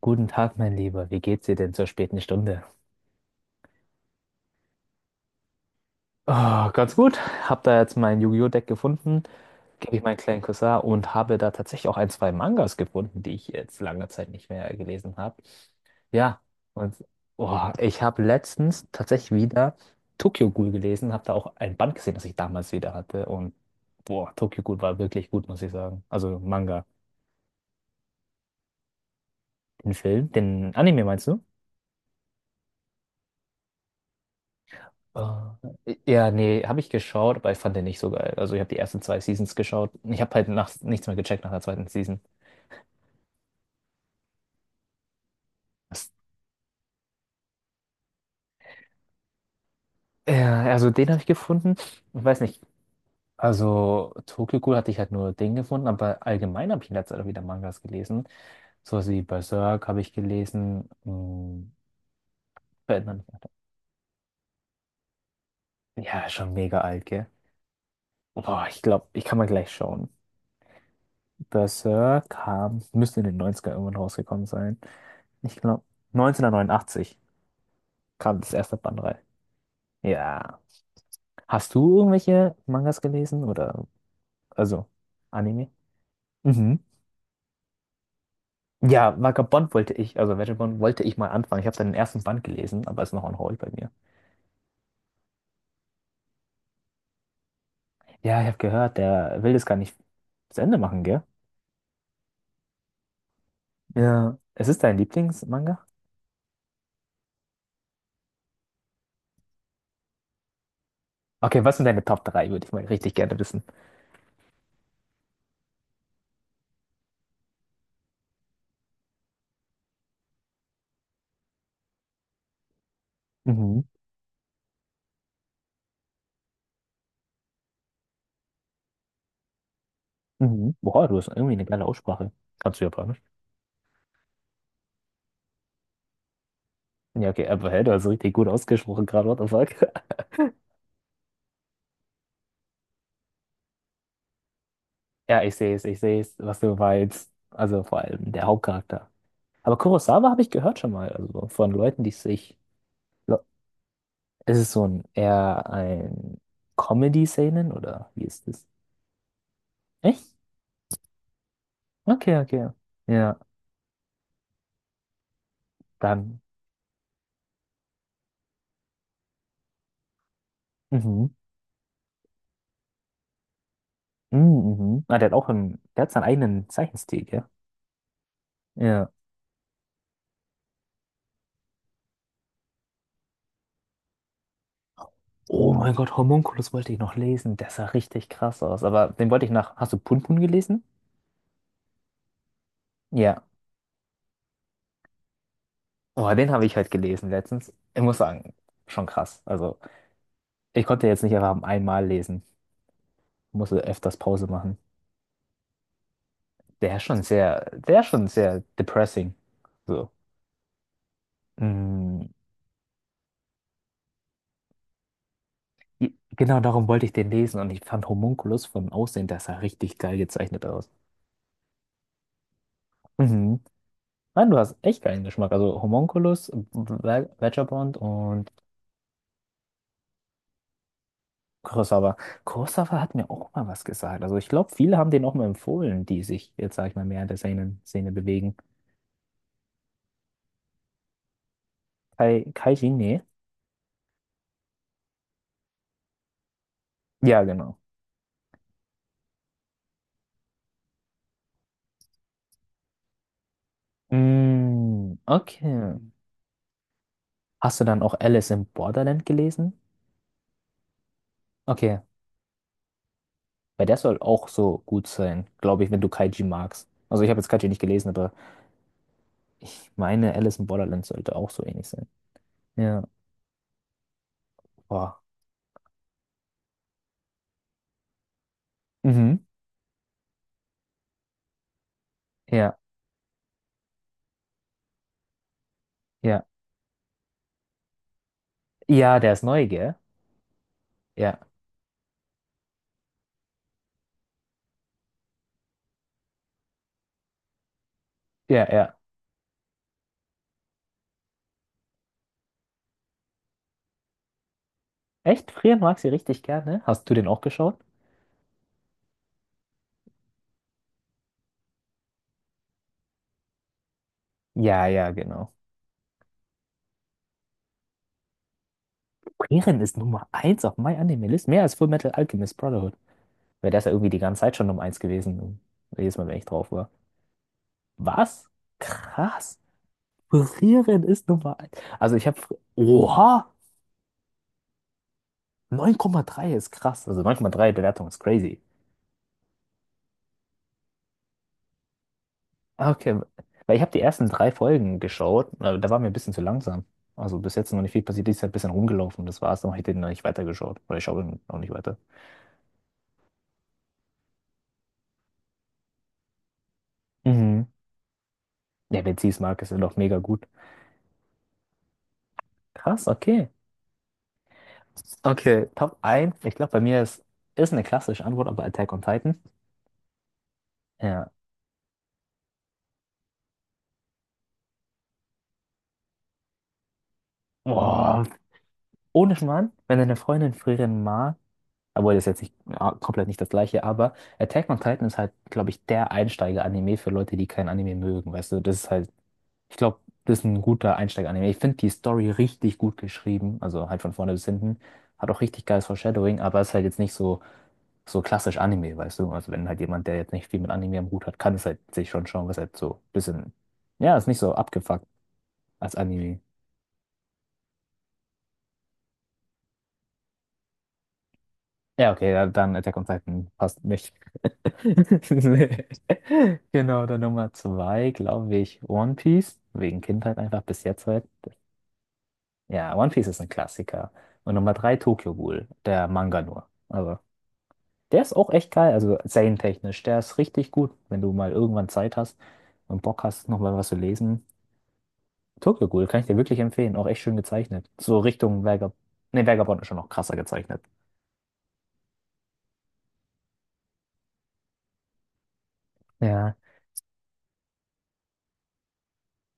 Guten Tag, mein Lieber. Wie geht's dir denn zur späten Stunde? Oh, ganz gut. Hab da jetzt mein Yu-Gi-Oh! Deck gefunden, gebe ich meinen kleinen Cousin und habe da tatsächlich auch ein, zwei Mangas gefunden, die ich jetzt lange Zeit nicht mehr gelesen habe. Ja, und oh, ich habe letztens tatsächlich wieder Tokyo Ghoul gelesen, habe da auch ein Band gesehen, das ich damals wieder hatte. Und boah, Tokyo Ghoul war wirklich gut, muss ich sagen. Also Manga. Den Film, den Anime meinst du? Ah. Ja, nee, habe ich geschaut, aber ich fand den nicht so geil. Also ich habe die ersten zwei Seasons geschaut. Ich habe halt nach, nichts mehr gecheckt nach der zweiten Season. Das- Ja, also den habe ich gefunden. Ich weiß nicht. Also Tokyo Ghoul hatte ich halt nur den gefunden, aber allgemein habe ich in letzter Zeit auch wieder Mangas gelesen. Sowas wie Berserk habe ich gelesen. Hm, verändert mich weiter. Ja, schon mega alt, gell? Boah, ich glaube, ich kann mal gleich schauen. Berserk kam, müsste in den Neunzigern irgendwann rausgekommen sein. Ich glaube, 1989 kam das erste Band. Ja. Hast du irgendwelche Mangas gelesen oder also Anime? Mhm. Ja, Vagabond wollte ich, also Vagabond wollte ich mal anfangen. Ich habe seinen ersten Band gelesen, aber ist noch on hold bei mir. Ja, ich habe gehört, der will das gar nicht zu Ende machen, gell? Ja. Es ist dein Lieblingsmanga? Okay, was sind deine Top drei? Würde ich mal richtig gerne wissen. Mhm. Mhm. Boah, du hast irgendwie eine geile Aussprache. Kannst du Japanisch? Ja, okay, aber hey, du hast richtig gut ausgesprochen gerade, what the fuck? Ja, ich sehe es, was du meinst. Also vor allem der Hauptcharakter. Aber Kurosawa habe ich gehört schon mal, also von Leuten, die sich. Le- Ist es so ein eher ein Comedy-Seinen oder wie ist es? Echt? Okay, okay. Ja, dann. Mhm. Mhm. Mhm. Ah, der hat auch einen, der hat seinen eigenen Zeichenstil, gell? Ja. Oh mein Gott, Homunculus wollte ich noch lesen. Der sah richtig krass aus. Aber den wollte ich nach. Hast du Punpun gelesen? Ja. Oh, den habe ich halt gelesen letztens. Ich muss sagen, schon krass. Also, ich konnte jetzt nicht einfach einmal lesen. Musste öfters Pause machen. Der ist schon sehr, der ist schon sehr depressing. So. Mm, genau darum wollte ich den lesen und ich fand Homunculus vom Aussehen, der sah richtig geil gezeichnet aus. Mhm. Nein, du hast echt geilen Geschmack. Also Homunculus, Vagabond und Kurosawa. Kurosawa hat mir auch mal was gesagt. Also ich glaube, viele haben den auch mal empfohlen, die sich jetzt, sag ich mal, mehr in der Seinen-Szene bewegen. Kai, Kai Jinne? Ja, genau. Mm, okay. Hast du dann auch Alice in Borderland gelesen? Okay. Weil der soll auch so gut sein, glaube ich, wenn du Kaiji magst. Also ich habe jetzt Kaiji nicht gelesen, aber ich meine, Alice in Borderland sollte auch so ähnlich sein. Ja. Boah. Mhm. Ja, ja. Ja, der ist neu, gell? Ja, ja. Echt? Frieren mag sie richtig gerne. Hast du den auch geschaut? Ja, genau. Frieren ist Nummer eins auf My Anime List, mehr als Full Metal Alchemist Brotherhood. Weil der ist ja irgendwie die ganze Zeit schon Nummer eins gewesen. Jedes Mal, wenn ich drauf war. Was? Krass. Frieren ist Nummer eins. Also ich habe... Oha! 9,3 ist krass. Also 9,3 Bewertung ist crazy. Ah, okay, weil ich habe die ersten drei Folgen geschaut, da war mir ein bisschen zu langsam. Also bis jetzt noch nicht viel passiert, ist halt ein bisschen rumgelaufen, das war's, dann habe ich den noch nicht weitergeschaut. Oder ich schaue den noch nicht weiter. Mhm. Ja, wenn sie es mag, ist er doch mega gut. Krass, okay. Okay, Top eins. Ich glaube, bei mir ist, ist eine klassische Antwort, aber Attack on Titan. Ja. Boah. Ohne Schmarrn, wenn deine Freundin frieren mag, obwohl, das ist jetzt nicht ja, komplett nicht das gleiche, aber Attack on Titan ist halt, glaube ich, der Einsteiger-Anime für Leute, die kein Anime mögen. Weißt du, das ist halt, ich glaube, das ist ein guter Einsteiger-Anime. Ich finde die Story richtig gut geschrieben, also halt von vorne bis hinten. Hat auch richtig geiles Foreshadowing, aber ist halt jetzt nicht so, so klassisch Anime, weißt du? Also wenn halt jemand, der jetzt nicht viel mit Anime am Hut hat, kann es halt sich schon schauen, was halt so ein bisschen, ja, ist nicht so abgefuckt als Anime. Ja, okay, ja, dann Attack on Titan passt nicht. Nee. Genau, dann Nummer zwei, glaube ich, One Piece. Wegen Kindheit einfach bis jetzt halt. Ja, One Piece ist ein Klassiker. Und Nummer drei, Tokyo Ghoul, der Manga nur. Also, der ist auch echt geil, also serientechnisch. Der ist richtig gut, wenn du mal irgendwann Zeit hast und Bock hast, nochmal was zu lesen. Tokyo Ghoul kann ich dir wirklich empfehlen, auch echt schön gezeichnet. So Richtung Vagab nee, Vagabond ist schon noch krasser gezeichnet. Ja.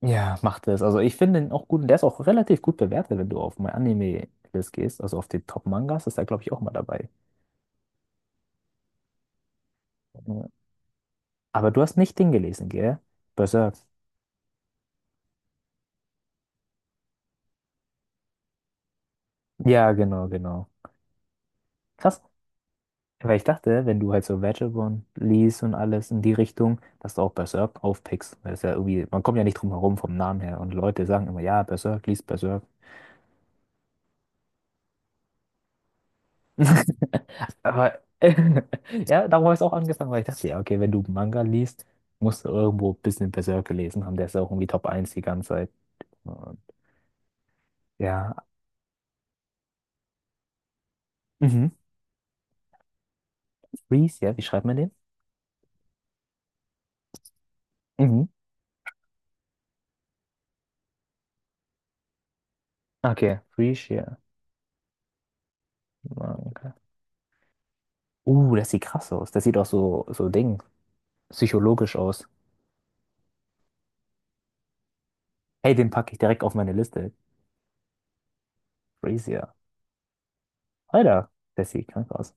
Ja, macht es. Also ich finde ihn auch gut und der ist auch relativ gut bewertet, wenn du auf My Anime-List gehst, also auf die Top-Mangas, ist er, glaube ich, auch mal dabei. Ja. Aber du hast nicht den gelesen, gell? Berserk. Ja, genau. Krass. Weil ich dachte, wenn du halt so Vagabond liest und alles in die Richtung, dass du auch Berserk aufpickst. Weil es ja irgendwie, man kommt ja nicht drum herum vom Namen her. Und Leute sagen immer, ja, Berserk, liest Berserk. Aber ja, darum habe ich es auch angefangen, weil ich dachte, ja, okay, wenn du Manga liest, musst du irgendwo ein bisschen Berserk gelesen haben. Der ist ja auch irgendwie Top eins die ganze Zeit. Und ja. Mhm. Freeze, ja, wie schreibt man den? Mhm. Okay, Freeze, ja. Manga. Das sieht krass aus. Das sieht auch so, so Ding, psychologisch aus. Hey, den packe ich direkt auf meine Liste. Freeze, ja. Alter, das sieht krank aus.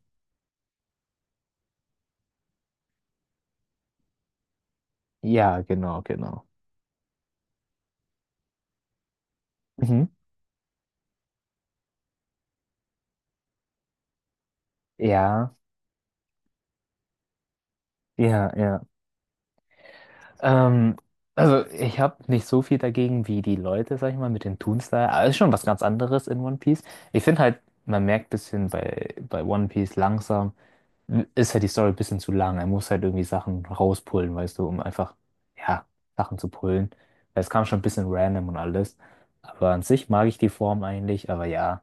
Ja, genau. Mhm. Ja, ja. Ähm, also ich habe nicht so viel dagegen wie die Leute, sag ich mal, mit den Toon-Style. Aber es ist schon was ganz anderes in One Piece. Ich finde halt, man merkt ein bisschen bei One Piece langsam, ist halt die Story ein bisschen zu lang. Er muss halt irgendwie Sachen rauspullen, weißt du, um einfach, ja, Sachen zu pullen. Weil es kam schon ein bisschen random und alles. Aber an sich mag ich die Form eigentlich, aber ja.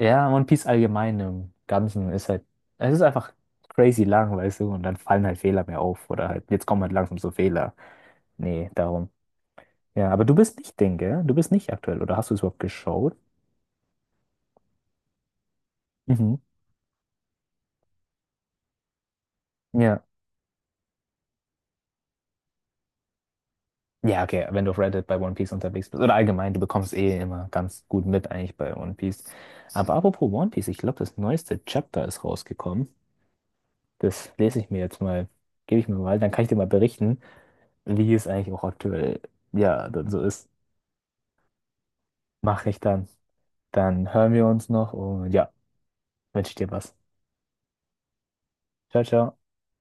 Ja, One Piece allgemein im Ganzen ist halt, es ist einfach crazy lang, weißt du, und dann fallen halt Fehler mehr auf. Oder halt, jetzt kommen halt langsam so Fehler. Nee, darum. Ja, aber du bist nicht Ding, gell? Du bist nicht aktuell, oder hast du es überhaupt geschaut? Mhm. Ja. Ja, okay, wenn du auf Reddit bei One Piece unterwegs bist. Oder allgemein, du bekommst eh immer ganz gut mit eigentlich bei One Piece. Aber apropos One Piece, ich glaube, das neueste Chapter ist rausgekommen. Das lese ich mir jetzt mal, gebe ich mir mal, dann kann ich dir mal berichten, wie es eigentlich auch aktuell, ja, dann so ist. Mach ich dann. Dann hören wir uns noch und ja, wünsche ich dir was. Ciao, ciao.